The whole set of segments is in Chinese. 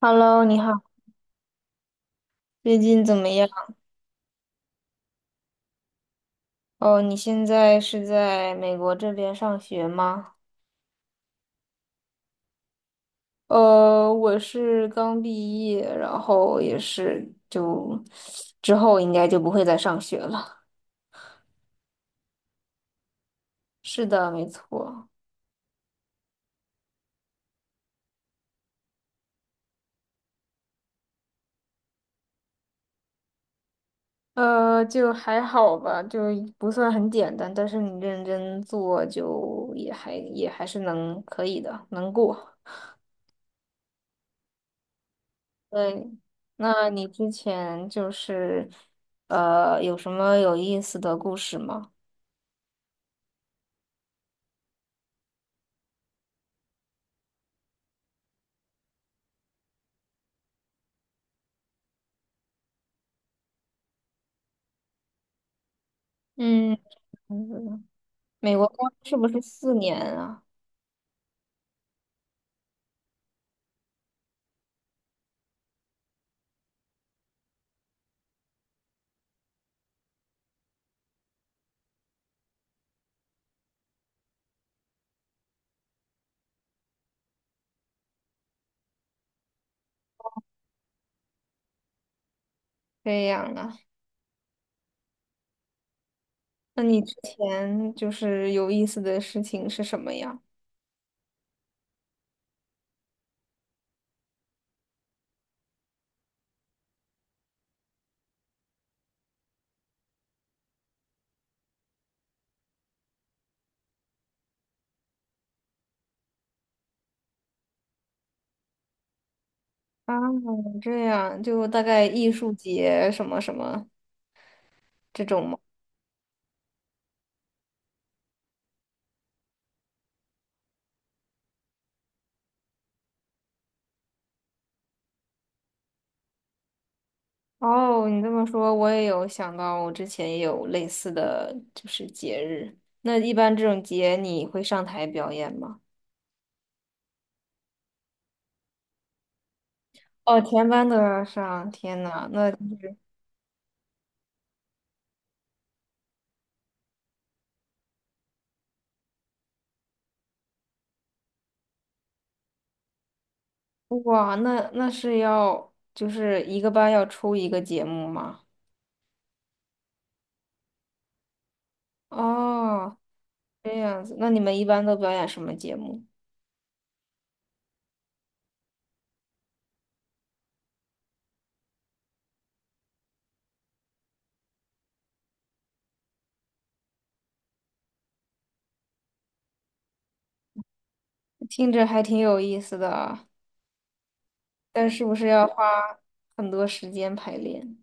Hello，你好，最近怎么样？哦，你现在是在美国这边上学吗？我是刚毕业，然后也是就之后应该就不会再上学了。是的，没错。就还好吧，就不算很简单，但是你认真做就也还是可以的，能过。对，那你之前就是有什么有意思的故事吗？嗯，嗯美国公是不是4年啊？这样啊？那你之前就是有意思的事情是什么呀？啊，这样就大概艺术节什么什么这种吗？哦，你这么说，我也有想到，我之前也有类似的就是节日。那一般这种节你会上台表演吗？哦，全班都要上，天呐，那哇，那那是要就是一个班要出一个节目吗？哦，这样子，那你们一般都表演什么节目？听着还挺有意思的啊，但是不是要花很多时间排练？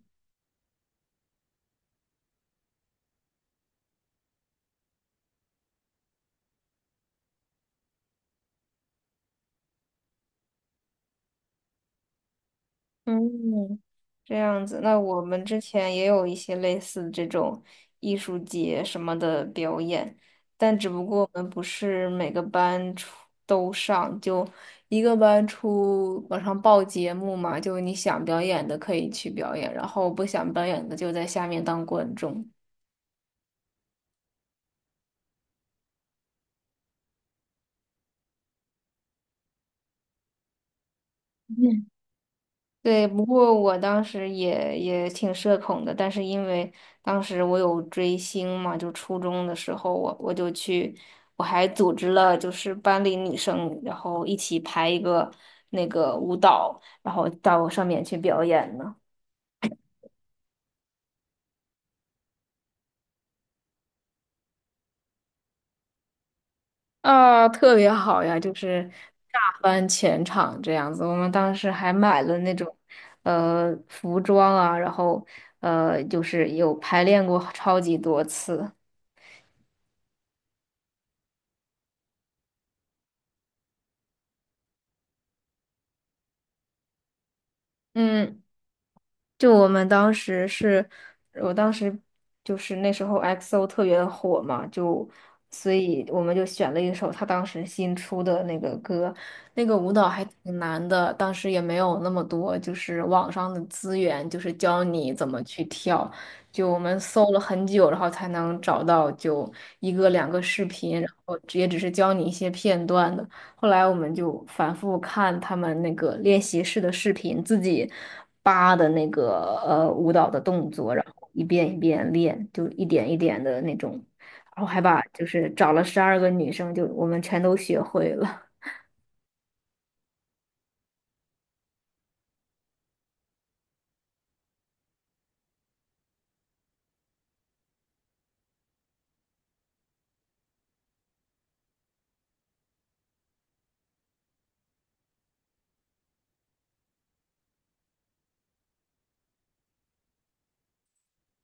嗯，这样子，那我们之前也有一些类似这种艺术节什么的表演，但只不过我们不是每个班出都上，就一个班出往上报节目嘛，就你想表演的可以去表演，然后不想表演的就在下面当观众。对，不过我当时也挺社恐的，但是因为当时我有追星嘛，就初中的时候我就去，我还组织了就是班里女生，然后一起排一个那个舞蹈，然后到上面去表演呢。啊，特别好呀，就是大翻全场这样子。我们当时还买了那种服装啊，然后就是有排练过超级多次。嗯。就我们当时是，我当时就是那时候 XO 特别的火嘛，就所以我们就选了一首他当时新出的那个歌，那个舞蹈还挺难的，当时也没有那么多就是网上的资源，就是教你怎么去跳，就我们搜了很久，然后才能找到就一个两个视频，然后也只是教你一些片段的。后来我们就反复看他们那个练习室的视频，自己扒的那个舞蹈的动作，然后一遍一遍练，就一点一点的那种，然后还把就是找了12个女生，就我们全都学会了。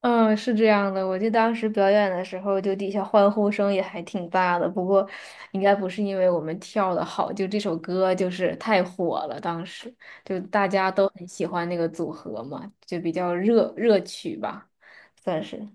嗯，是这样的，我记得当时表演的时候，就底下欢呼声也还挺大的。不过，应该不是因为我们跳的好，就这首歌就是太火了，当时就大家都很喜欢那个组合嘛，就比较热热曲吧，算是。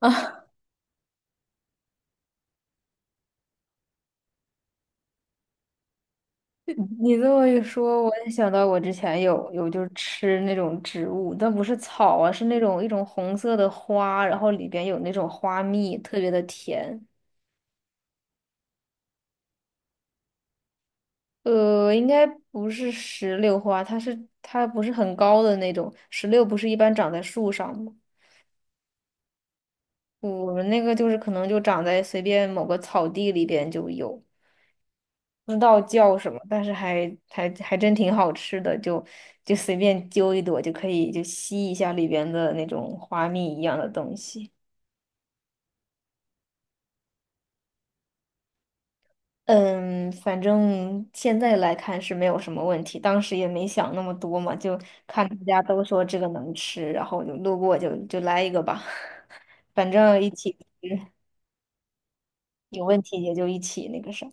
啊，你这么一说，我也想到我之前有就是吃那种植物，但不是草啊，是那种一种红色的花，然后里边有那种花蜜，特别的甜。呃，应该不是石榴花，它是它不是很高的那种。石榴不是一般长在树上吗？我们那个就是可能就长在随便某个草地里边就有，不知道叫什么，但是还真挺好吃的，就就随便揪一朵就可以就吸一下里边的那种花蜜一样的东西。嗯，反正现在来看是没有什么问题，当时也没想那么多嘛，就看大家都说这个能吃，然后就路过就就来一个吧，反正一起有问题也就一起那个啥。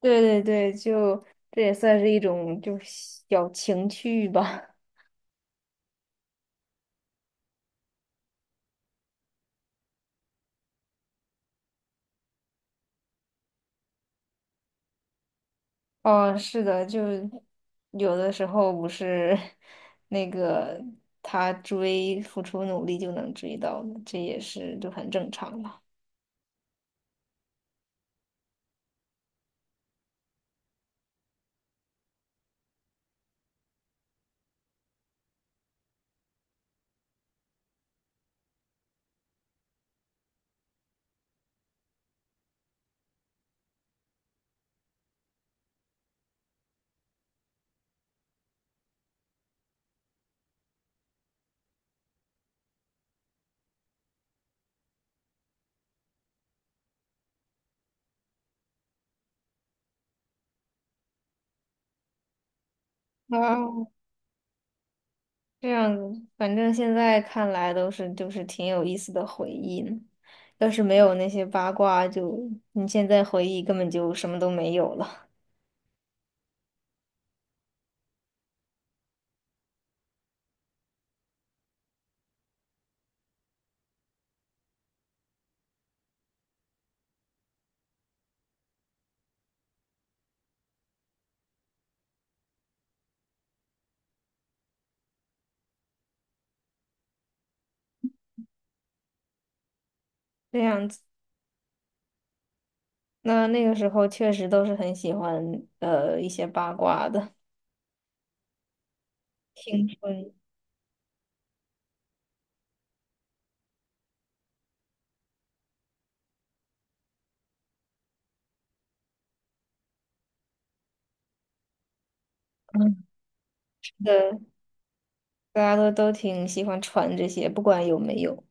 对对对，就这也算是一种就小情趣吧。哦，是的，就有的时候不是 那个他追，付出努力就能追到的，这也是就很正常了。啊这样子，反正现在看来都是就是挺有意思的回忆呢。要是没有那些八卦就，你现在回忆根本就什么都没有了。这样子，那那个时候确实都是很喜欢一些八卦的青春，嗯，对，大家都挺喜欢传这些，不管有没有。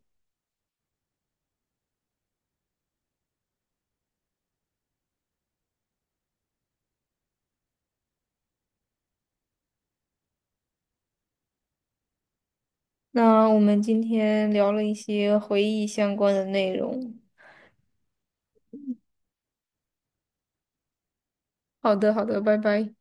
那我们今天聊了一些回忆相关的内容。好的，好的，拜拜。